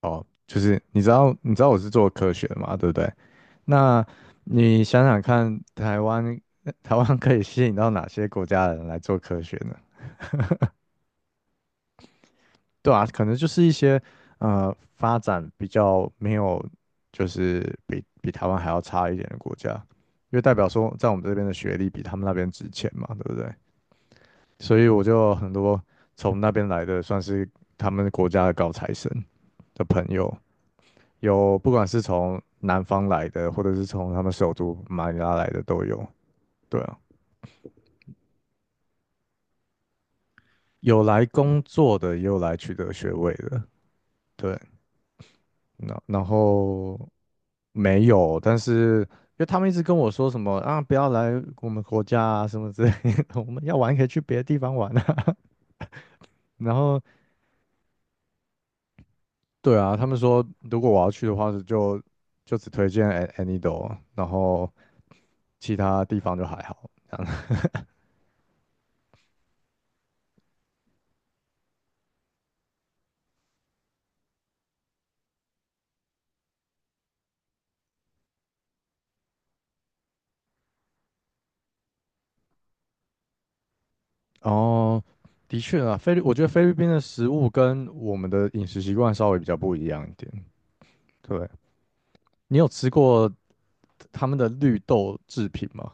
哦，就是你知道，你知道我是做科学的嘛，对不对？那你想想看，台湾台湾可以吸引到哪些国家的人来做科学呢？对啊，可能就是一些发展比较没有，就是比台湾还要差一点的国家，因为代表说在我们这边的学历比他们那边值钱嘛，对不对？所以我就有很多从那边来的，算是他们国家的高材生的朋友。有不管是从南方来的，或者是从他们首都马尼拉来的都有。对啊，有来工作的，也有来取得学位的。对，那然后没有，但是因为他们一直跟我说什么啊，不要来我们国家啊，什么之类的，我们要玩可以去别的地方玩啊。然后对啊，他们说如果我要去的话，就只推荐 An- Anido,然后其他地方就还好。这哦，的确啊，菲律，我觉得菲律宾的食物跟我们的饮食习惯稍微比较不一样一点。对，你有吃过他们的绿豆制品吗？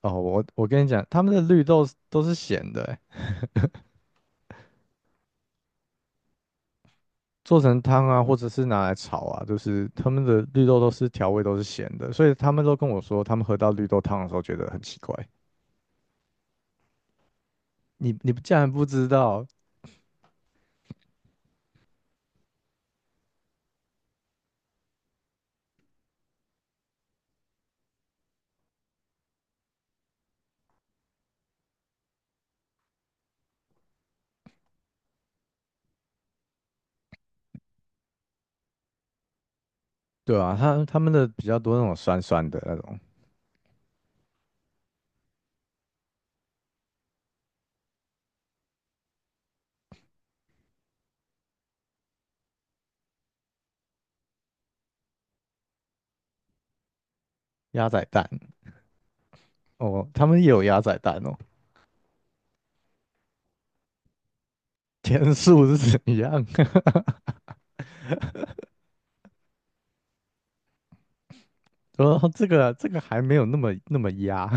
哦，我跟你讲，他们的绿豆是都是咸的欸，做成汤啊，或者是拿来炒啊，就是他们的绿豆都是调味都是咸的，所以他们都跟我说，他们喝到绿豆汤的时候觉得很奇怪。你竟然不知道？对啊，他们的比较多那种酸酸的那种鸭仔蛋哦，他们也有鸭仔蛋哦。天数是怎样？哦，这个这个还没有那么压，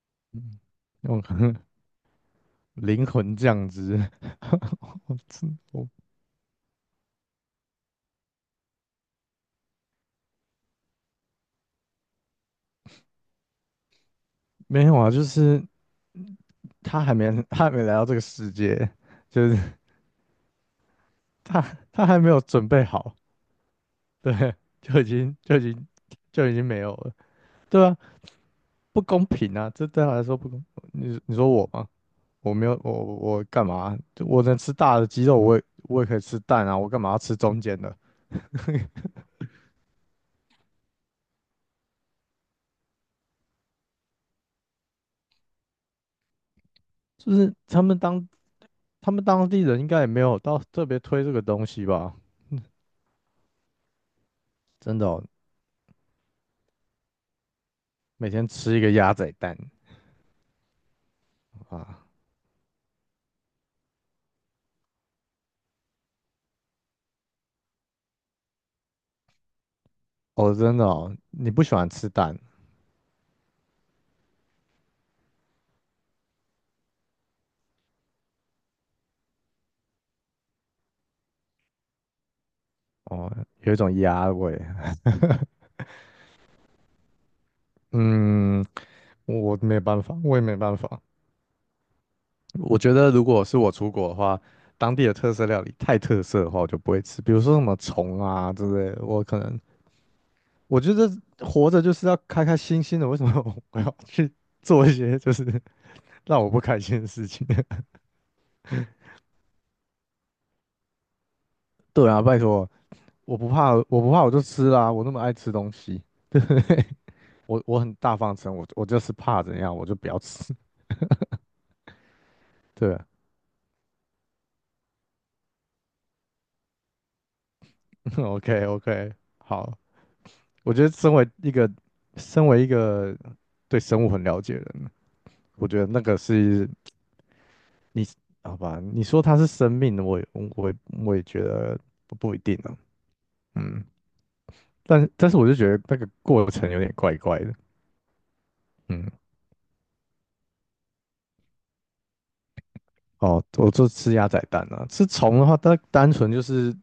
嗯我可能灵魂降职，我没有啊，就是他还没来到这个世界，就是他他还没有准备好，对，就已经就已经就已经没有了，对啊，不公平啊，这对他来说不公。你说我吗？我没有我干嘛？就我能吃大的鸡肉，我也可以吃蛋啊，我干嘛要吃中间的？就是他们当地人应该也没有到特别推这个东西吧？真的哦，每天吃一个鸭仔蛋啊，哦，真的哦，你不喜欢吃蛋哦，有一种鸭味。嗯，我没办法，我也没办法。我觉得如果是我出国的话，当地的特色料理太特色的话，我就不会吃。比如说什么虫啊之类的，我可能我觉得活着就是要开开心心的，为什么 我要去做一些让我不开心的事情？对啊，拜托，我不怕，我不怕，我就吃啦、我那么爱吃东西，对不对？我很大方承认我就是怕怎样，我就不要吃。对啊 ，OK OK,好，我觉得身为一个对生物很了解的人，我觉得那个是你好吧？你说它是生命，我也我也我也觉得不一定啊，嗯，但是我就觉得那个过程有点怪怪的，嗯。哦，我就吃鸭仔蛋啊。吃虫的话，它单纯就是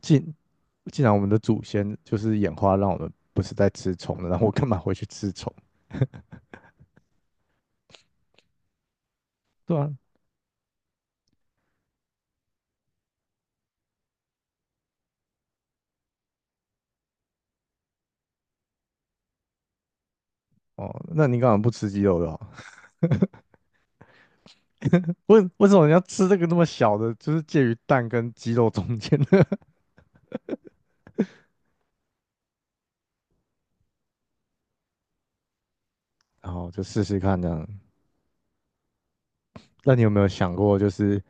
既既然我们的祖先就是演化让我们不是在吃虫的，然后我干嘛回去吃虫？对啊，哦，那你干嘛不吃鸡肉的好？为什么你要吃这个那么小的，就是介于蛋跟鸡肉中间的？然后就试试看这样。那你有没有想过，就是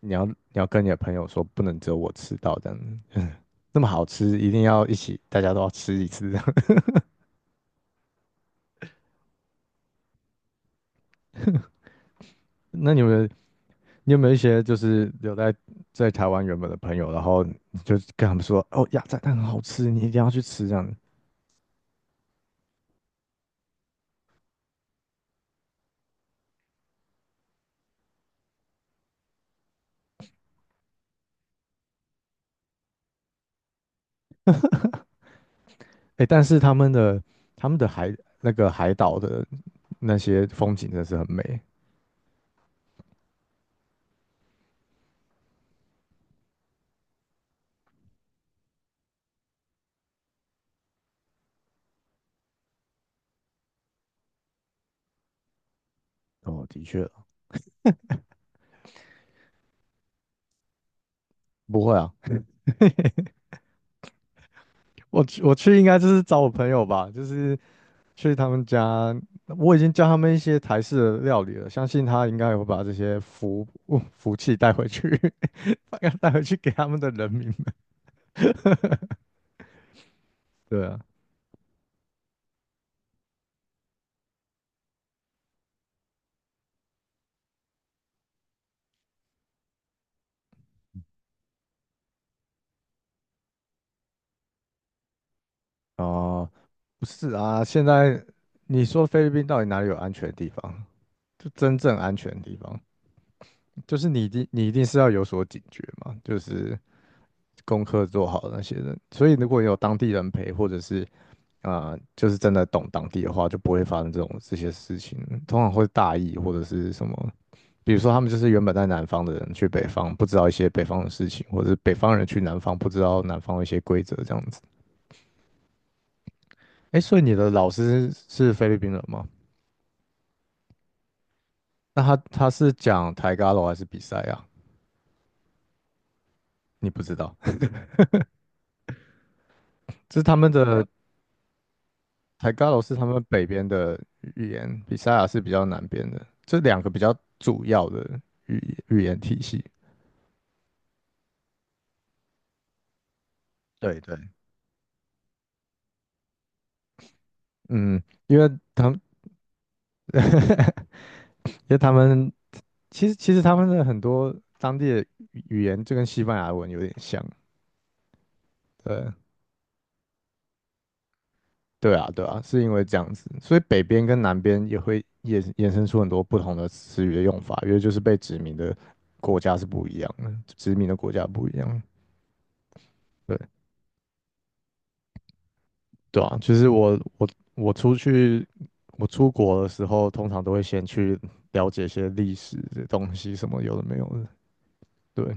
你要跟你的朋友说，不能只有我吃到这样子，那么好吃，一定要一起，大家都要吃一次这样。那你有没有。你有没有一些就是留在在台湾原本的朋友，然后你就跟他们说，哦，鸭仔蛋很好吃，你一定要去吃这样子。哎，但是他们的那个海岛的那些风景真的是很美。哦，的确，不会啊，我去应该就是找我朋友吧，就是去他们家，我已经教他们一些台式的料理了，相信他应该也会把这些福气带回去，把它带回去给他们的人民们。对啊，哦、不是啊，现在你说菲律宾到底哪里有安全的地方？就真正安全的地方，就是你一定是要有所警觉嘛，就是功课做好那些人。所以如果有当地人陪，或者是啊、就是真的懂当地的话，就不会发生这些事情。通常会大意或者是什么，比如说他们就是原本在南方的人去北方，不知道一些北方的事情，或者是北方人去南方不知道南方的一些规则这样子。哎，所以你的老师是菲律宾人吗？那他是讲台嘎楼还是比赛啊？你不知道，这是他们的台嘎楼是他们北边的语言，比赛啊是比较南边的，这两个比较主要的语言体系。对对，嗯，因为他们，因为他们其实他们的很多当地的语言就跟西班牙文有点像，对，对啊，对啊，是因为这样子，所以北边跟南边也会衍生出很多不同的词语的用法，因为就是被殖民的国家是不一样的，殖民的国家不一样。对，对啊，就是我我出去，我出国的时候，通常都会先去了解一些历史的东西，什么有的没有的。对，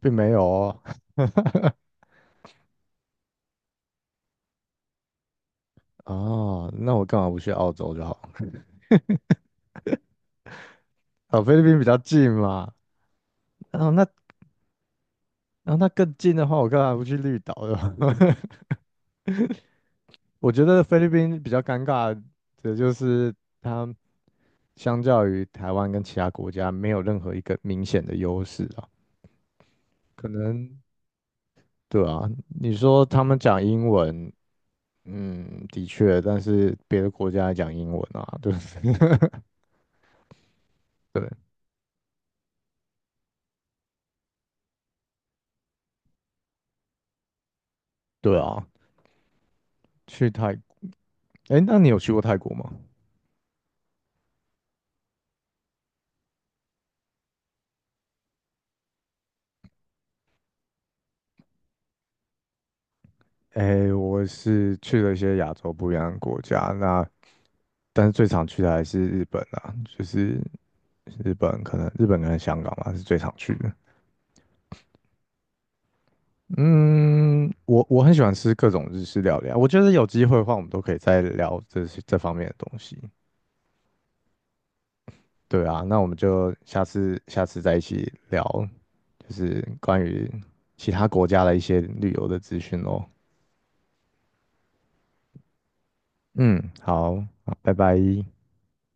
并没有哦。哦，那我干嘛不去澳洲就好？哦，菲律宾比较近嘛。然后那更近的话，我干嘛不去绿岛呢？我觉得菲律宾比较尴尬的就是它相较于台湾跟其他国家没有任何一个明显的优势啊。可能对啊，你说他们讲英文，嗯，的确，但是别的国家也讲英文啊，对 对对啊，去泰，哎，那你有去过泰国吗？诶，我是去了一些亚洲不一样的国家，那但是最常去的还是日本啊，就是日本跟香港吧是最常去的。嗯，我很喜欢吃各种日式料理啊，我觉得有机会的话，我们都可以再聊这些这方面的东西。对啊，那我们就下次再一起聊，就是关于其他国家的一些旅游的资讯咯。嗯，好，好，拜拜。